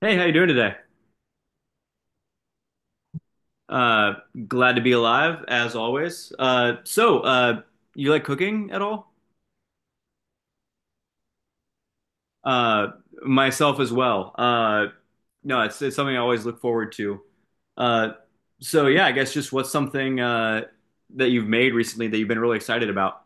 Hey, how you doing today? Uh, glad to be alive as always. So, you like cooking at all? Uh, myself as well. No, it's something I always look forward to. Uh, so yeah, I guess just what's something that you've made recently that you've been really excited about?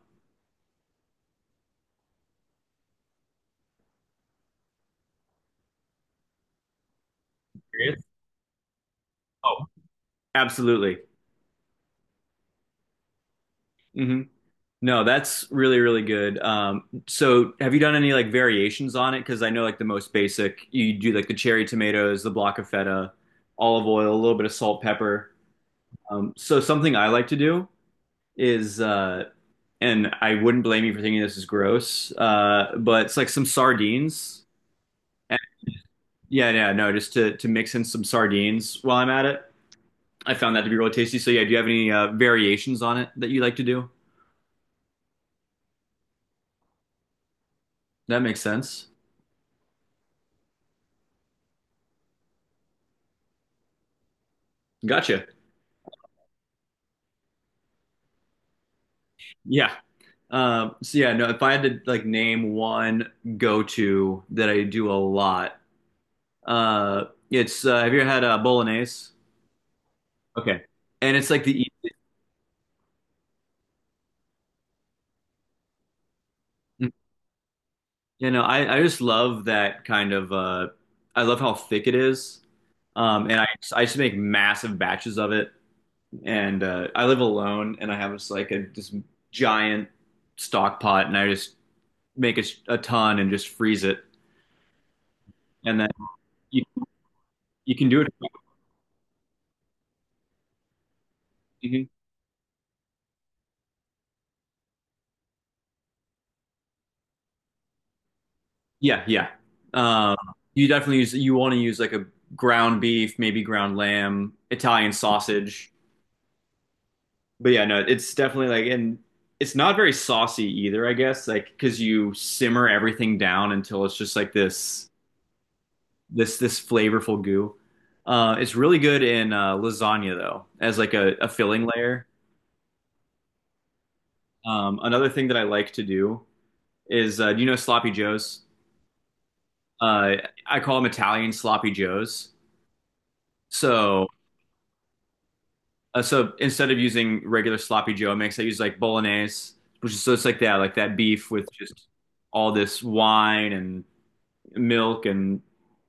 Curious? Oh, absolutely. Mm-hmm. No, that's really, really good. So have you done any like variations on it? Because I know like the most basic, you do like the cherry tomatoes, the block of feta, olive oil, a little bit of salt, pepper. So something I like to do is, and I wouldn't blame you for thinking this is gross, but it's like some sardines. And yeah, yeah, no, just to mix in some sardines while I'm at it. I found that to be really tasty. So yeah, do you have any variations on it that you like to do? That makes sense. Gotcha. Yeah. So yeah, no, if I had to like name one go-to that I do a lot, it's have you ever had bolognese? Okay. And it's like you know, I just love that kind of. I love how thick it is. And I just make massive batches of it. And I live alone and I have just like this giant stock pot and I just make a ton and just freeze it. And then you, you can do it. Mhm. Yeah, yeah. Um, you definitely use you want to use like a ground beef, maybe ground lamb, Italian sausage. But yeah, no, it's definitely like, and it's not very saucy either, I guess, like because you simmer everything down until it's just like this flavorful goo. It's really good in lasagna though, as like a filling layer. Another thing that I like to do is, do you know Sloppy Joes? Uh, I call them Italian Sloppy Joes. So. So instead of using regular sloppy Joe mix, I use like bolognese, which is so it's like that beef with just all this wine and milk and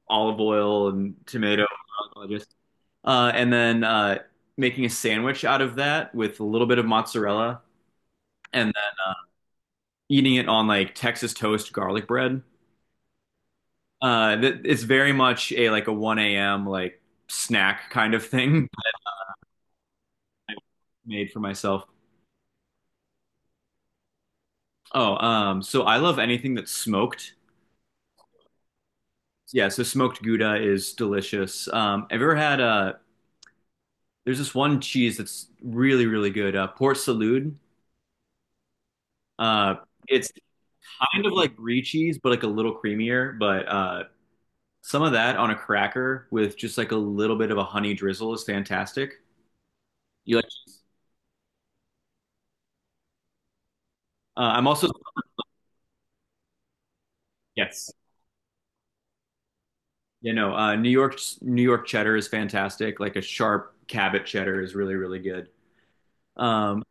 olive oil and tomato. And then making a sandwich out of that with a little bit of mozzarella and then eating it on like Texas toast garlic bread. Uh, it's very much a like a 1 a.m. like snack kind of thing I made for myself. Oh, so I love anything that's smoked. Yeah, so smoked Gouda is delicious. Have you ever had a. There's this one cheese that's really, really good, Port Salut. Uh it's kind of like brie cheese, but like a little creamier, but some of that on a cracker with just like a little bit of a honey drizzle is fantastic. You like. I'm also. Yes. You know, New York cheddar is fantastic. Like a sharp Cabot cheddar is really, really good. Um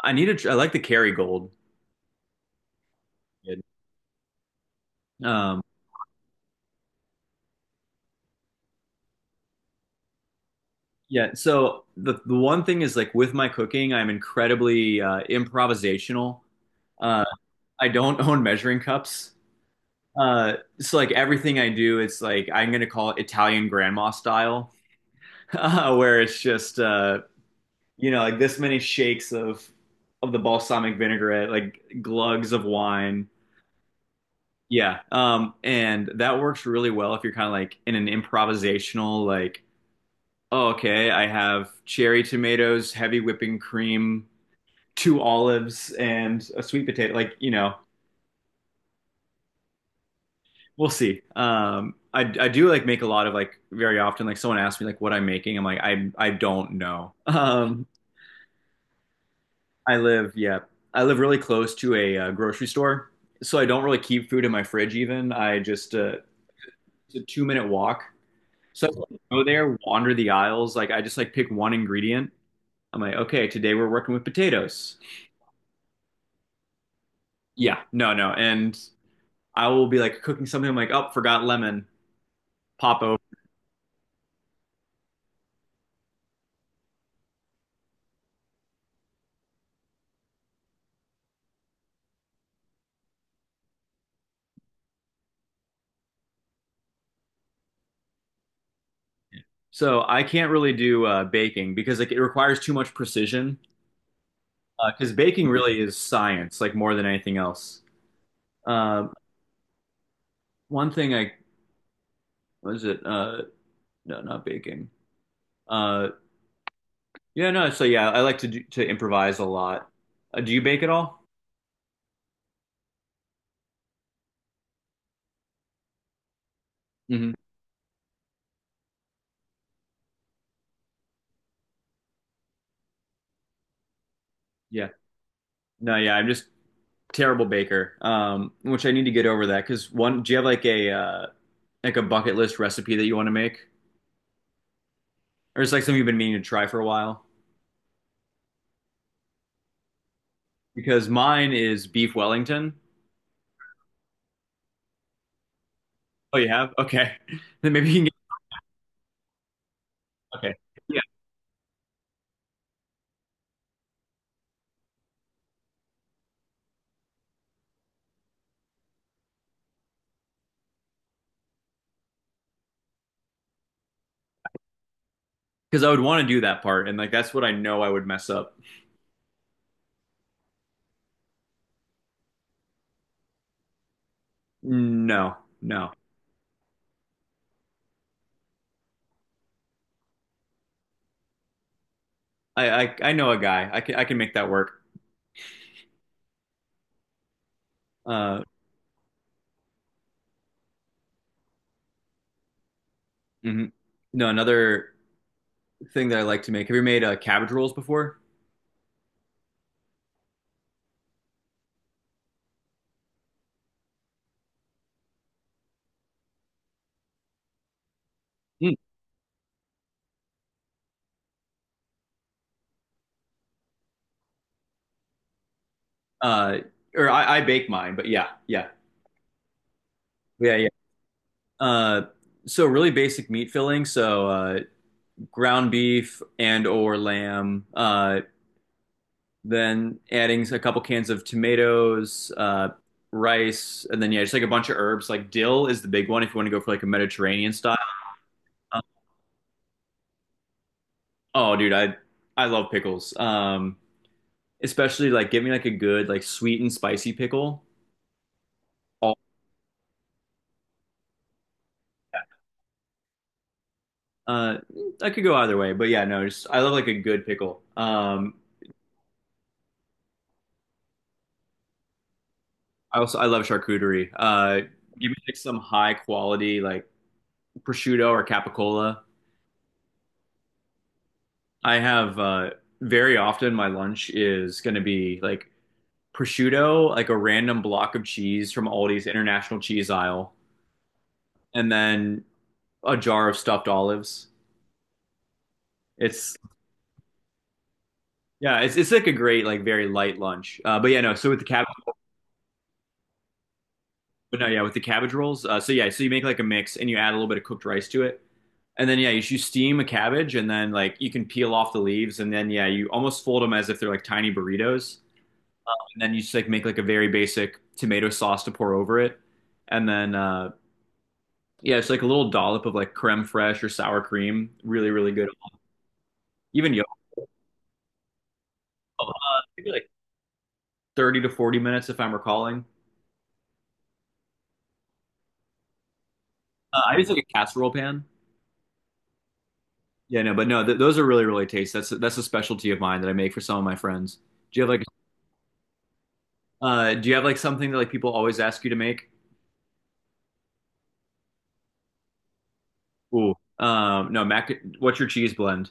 I need a. I like the Kerrygold. Um Yeah, so the one thing is like with my cooking, I'm incredibly improvisational. Uh, I don't own measuring cups. Uh, so like everything I do, it's like I'm gonna call it Italian grandma style, where it's just you know like this many shakes of the balsamic vinaigrette, like glugs of wine. Yeah, and that works really well if you're kind of like in an improvisational like, oh, okay, I have cherry tomatoes, heavy whipping cream. Two olives and a sweet potato. Like, we'll see. I do like make a lot of like very often, like someone asks me like what I'm making. I'm like, I don't know. I live, yeah, I live really close to a, grocery store. So I don't really keep food in my fridge even. I just, it's a 2-minute walk. So I go there, wander the aisles. Like I just like pick one ingredient. I'm like, okay, today we're working with potatoes. Yeah, no, no. And I will be like cooking something. I'm like, oh, forgot lemon. Pop over. So I can't really do baking because like it requires too much precision. Because baking really is science, like more than anything else. Um One thing I. What is it? No, not baking. Uh, yeah, no. So yeah, I like to improvise a lot. Do you bake at all? Hmm. Yeah. No, yeah. I'm just terrible baker. Which I need to get over that. Because one, do you have like a bucket list recipe that you want to make, or is like something you've been meaning to try for a while? Because mine is beef Wellington. Oh, you have? Okay. Then maybe you can get, okay. Yeah. Because I would want to do that part, and like that's what I know I would mess up. No, no. I know a guy. I can make that work. Uh, mhm. No, another thing that I like to make. Have you made cabbage rolls before? Mm. Uh, or I bake mine, but yeah, yeah, yeah, yeah. Uh, so really basic meat filling. So ground beef and or lamb. Then adding a couple cans of tomatoes, rice, and then yeah, just like a bunch of herbs. Like dill is the big one if you want to go for like a Mediterranean style. Um, oh, dude, I love pickles. Especially like give me like a good like sweet and spicy pickle. All uh, I could go either way, but yeah, no, just I love like a good pickle. I also, I love charcuterie. Give me like some high quality like prosciutto or capicola. I have very often my lunch is going to be like prosciutto, like a random block of cheese from Aldi's international cheese aisle, and then a jar of stuffed olives. It's Yeah, it's like a great like very light lunch. But yeah, no. So with the cabbage, no, yeah, with the cabbage rolls. So yeah, so you make like a mix and you add a little bit of cooked rice to it, and then yeah, you steam a cabbage and then like you can peel off the leaves and then yeah, you almost fold them as if they're like tiny burritos, and then you just like make like a very basic tomato sauce to pour over it, and then yeah, it's like a little dollop of like creme fraiche or sour cream. Really, really good. Even yolk, uh, maybe like 30 to 40 minutes if I'm recalling. I use like a casserole pan. Yeah, no, but no, th those are really, really tasty. That's a specialty of mine that I make for some of my friends. Do you have like do you have like something that like people always ask you to make? Ooh. No, mac what's your cheese blend?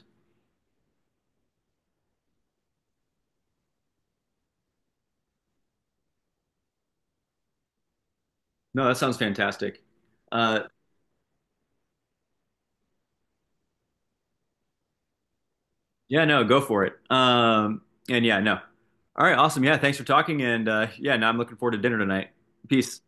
No, that sounds fantastic. Uh yeah, no, go for it. And yeah, no. All right, awesome. Yeah, thanks for talking and yeah, now I'm looking forward to dinner tonight. Peace.